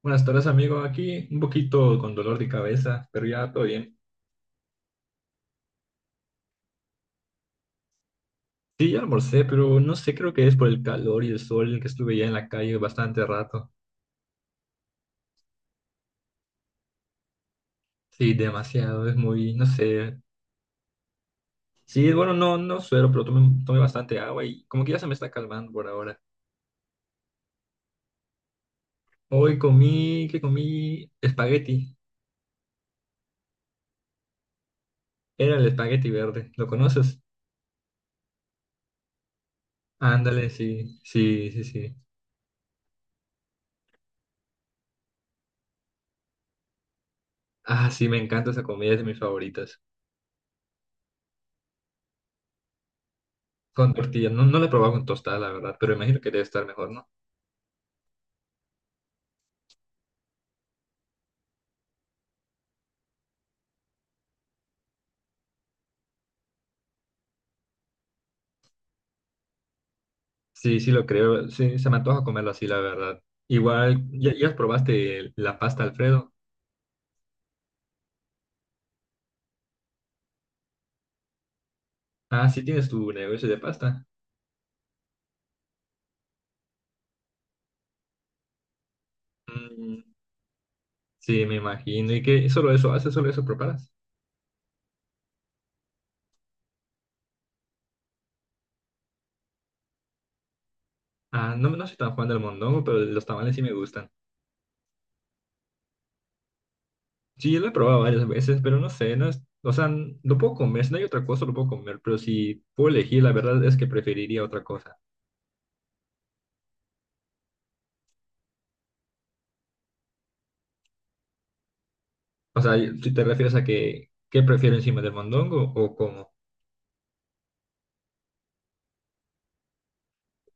Buenas tardes, amigo. Aquí un poquito con dolor de cabeza, pero ya todo bien. Sí, ya almorcé, pero no sé, creo que es por el calor y el sol que estuve ya en la calle bastante rato. Sí, demasiado, es muy, no sé. Sí, bueno, no, no suero, pero tomé bastante agua y como que ya se me está calmando por ahora. Hoy comí, ¿qué comí? Espagueti. Era el espagueti verde. ¿Lo conoces? Ándale, sí, sí, sí, sí. Ah, sí, me encanta esa comida, es de mis favoritas. Con tortilla. No, no la he probado con tostada, la verdad, pero imagino que debe estar mejor, ¿no? Sí, sí lo creo. Sí, se me antoja comerlo así, la verdad. Igual, ¿ya probaste la pasta Alfredo? Ah, sí tienes tu negocio de pasta. Mm, sí, me imagino. ¿Y qué? ¿Solo eso haces? ¿Solo eso preparas? Ah, no, no soy tan fan del mondongo, pero los tamales sí me gustan. Sí, lo he probado varias veces, pero no sé, no es, o sea, lo puedo comer, si no hay otra cosa lo puedo comer, pero si puedo elegir, la verdad es que preferiría otra cosa. O sea, si te refieres a que, ¿qué prefiero encima del mondongo o cómo?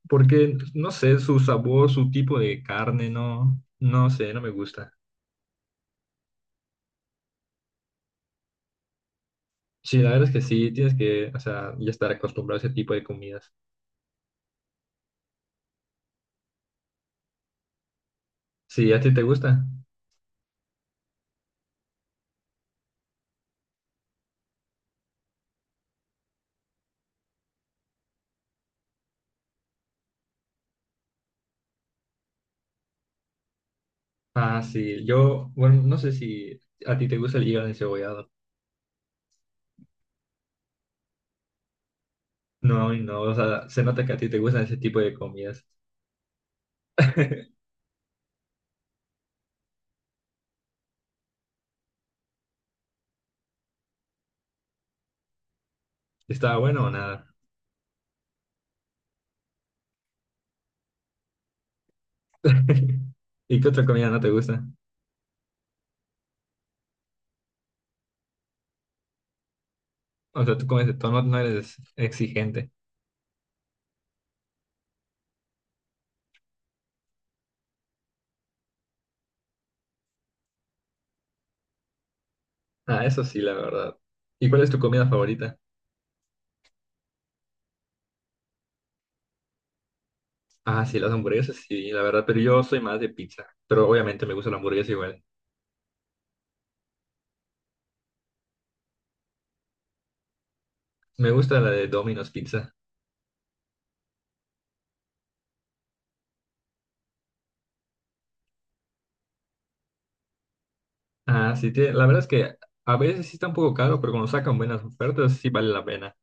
Porque, no sé, su sabor, su tipo de carne, no, no sé, no me gusta. Sí, la verdad es que sí, tienes que, o sea, ya estar acostumbrado a ese tipo de comidas. Sí, ¿a ti te gusta? Ah, sí, yo, bueno, no sé si a ti te gusta el hígado encebollado. No, y no, o sea, se nota que a ti te gustan ese tipo de comidas. ¿Está bueno o nada? ¿Y qué otra comida no te gusta? O sea, tú comes de todo, no eres exigente. Ah, eso sí, la verdad. ¿Y cuál es tu comida favorita? Ah, sí, las hamburguesas, sí, la verdad, pero yo soy más de pizza, pero obviamente me gusta la hamburguesa igual. Me gusta la de Domino's Pizza. Ah, sí, la verdad es que a veces sí está un poco caro, pero cuando sacan buenas ofertas sí vale la pena.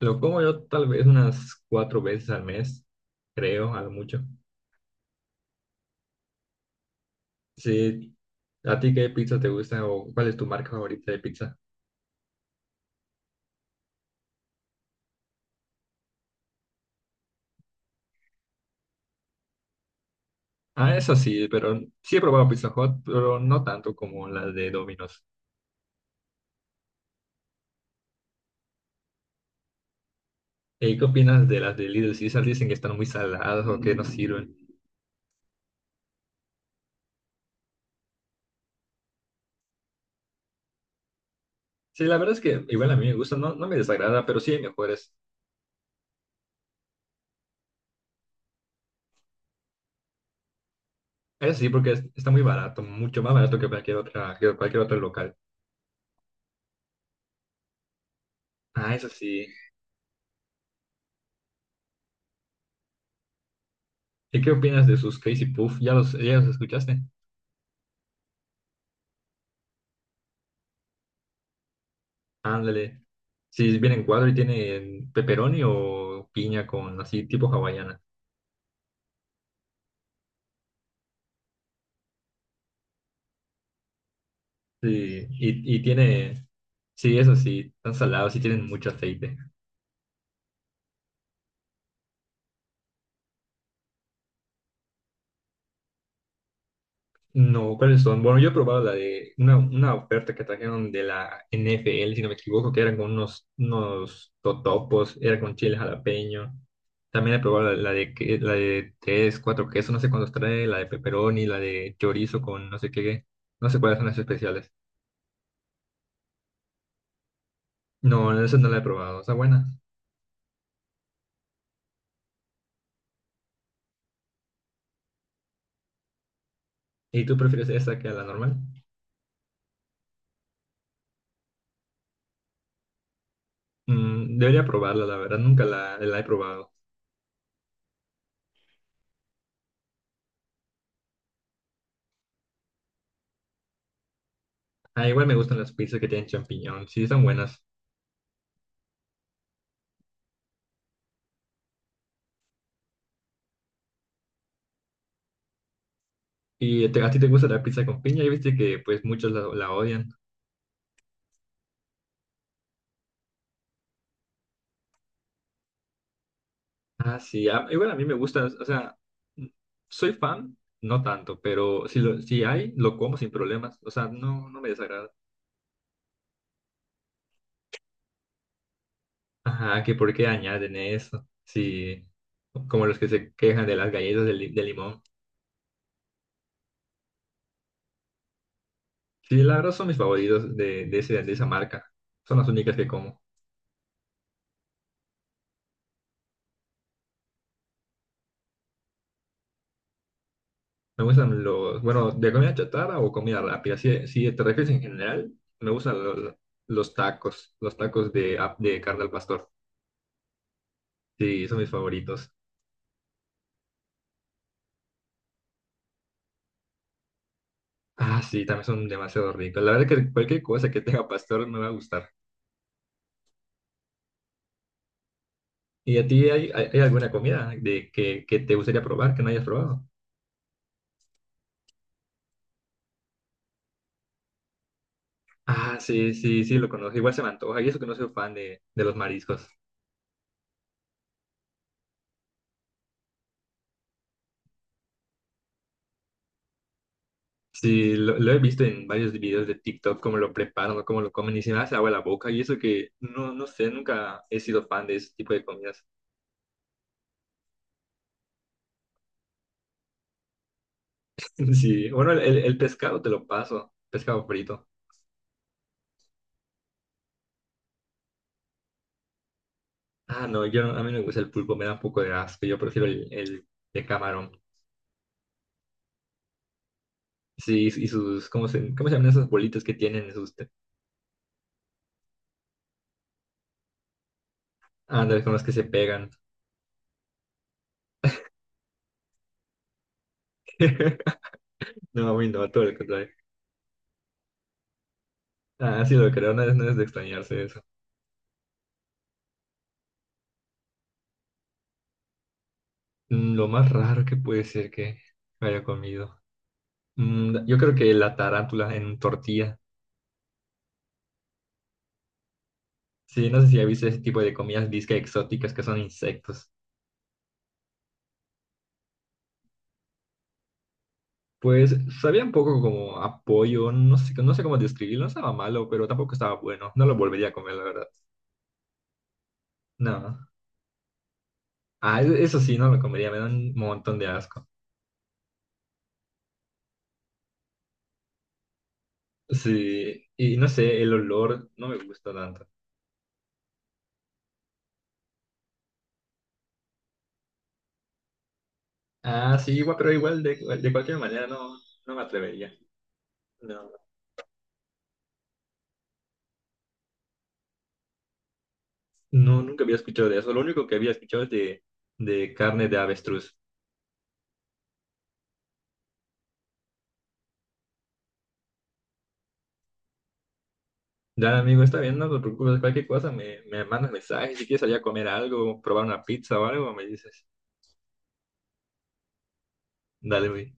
Lo como yo tal vez unas cuatro veces al mes, creo, a lo mucho. Sí, ¿a ti qué pizza te gusta o cuál es tu marca favorita de pizza? Ah, eso sí, pero sí he probado Pizza Hut, pero no tanto como las de Domino's. ¿Y qué opinas de las de Little Caesar? Dicen que están muy saladas o que no sirven. Sí, la verdad es que igual a mí me gusta, no, no me desagrada, pero sí hay mejores. Eso sí, porque está muy barato, mucho más barato que cualquier otra, que cualquier otro local. Ah, eso sí. ¿Y qué opinas de sus Crazy Puff? ¿Ya los escuchaste? Ándale. Si vienen cuadro y tienen pepperoni o piña con así tipo hawaiana. Sí, y tiene, sí, eso sí, están salados y tienen mucho aceite. No, ¿cuáles son? Bueno, yo he probado la de una oferta que trajeron de la NFL, si no me equivoco, que eran con unos totopos, era con chile jalapeño. También he probado la de tres, cuatro quesos, no sé cuántos trae, la de pepperoni, la de chorizo con no sé qué, no sé cuáles son las especiales. No, esa no la he probado, está buena. ¿Y tú prefieres esa que a la normal? Debería probarla, la verdad, nunca la he probado. Ah, igual me gustan las pizzas que tienen champiñón, sí, están buenas. Y a ti te gusta la pizza con piña y viste que pues muchos la odian. Ah, sí, igual a mí me gusta, o sea, mm, soy fan, no tanto, pero si, lo, si hay, lo como sin problemas, o sea, no, no me desagrada. Ajá, que por qué añaden eso, sí, como los que se quejan de las galletas de limón. Sí, la verdad son mis favoritos de esa marca, son las únicas que como. Me gustan bueno, de comida chatarra o comida rápida. Si te refieres en general, me gustan los tacos de carne al pastor. Sí, son mis favoritos. Ah, sí, también son demasiado ricos. La verdad que cualquier cosa que tenga pastor me va a gustar. ¿Y a ti hay alguna comida de que te gustaría probar, que no hayas probado? Ah, sí, sí, sí, lo conozco. Igual se me antoja. Y eso que no soy fan de los mariscos. Sí, lo he visto en varios videos de TikTok, cómo lo preparan o cómo lo comen y se me hace agua la boca y eso que no, no sé, nunca he sido fan de ese tipo de comidas. Sí, bueno, el pescado te lo paso, pescado frito. Ah, no, yo a mí no me gusta el pulpo, me da un poco de asco, yo prefiero el de camarón. Sí, y sus, ¿cómo se llaman esas bolitas que tienen? Sus, ándale, con las que se pegan. No, a mí no, todo lo contrario. Ah, sí, lo creo, no es, de extrañarse eso. Lo más raro que puede ser que haya comido. Yo creo que la tarántula en tortilla. Sí, no sé si has visto ese tipo de comidas disque exóticas que son insectos. Pues sabía un poco como apoyo, no sé, no sé cómo describirlo, no estaba malo, pero tampoco estaba bueno. No lo volvería a comer, la verdad. No. Ah, eso sí, no lo comería, me da un montón de asco. Sí, y no sé, el olor no me gusta tanto. Ah, sí, igual, pero igual de cualquier manera no, no me atrevería. No, no, nunca había escuchado de eso. Lo único que había escuchado es de carne de avestruz. Ya, amigo, está bien, no te preocupes, cualquier cosa, me mandas mensajes, si quieres salir a comer algo, probar una pizza o algo, me dices. Dale, güey.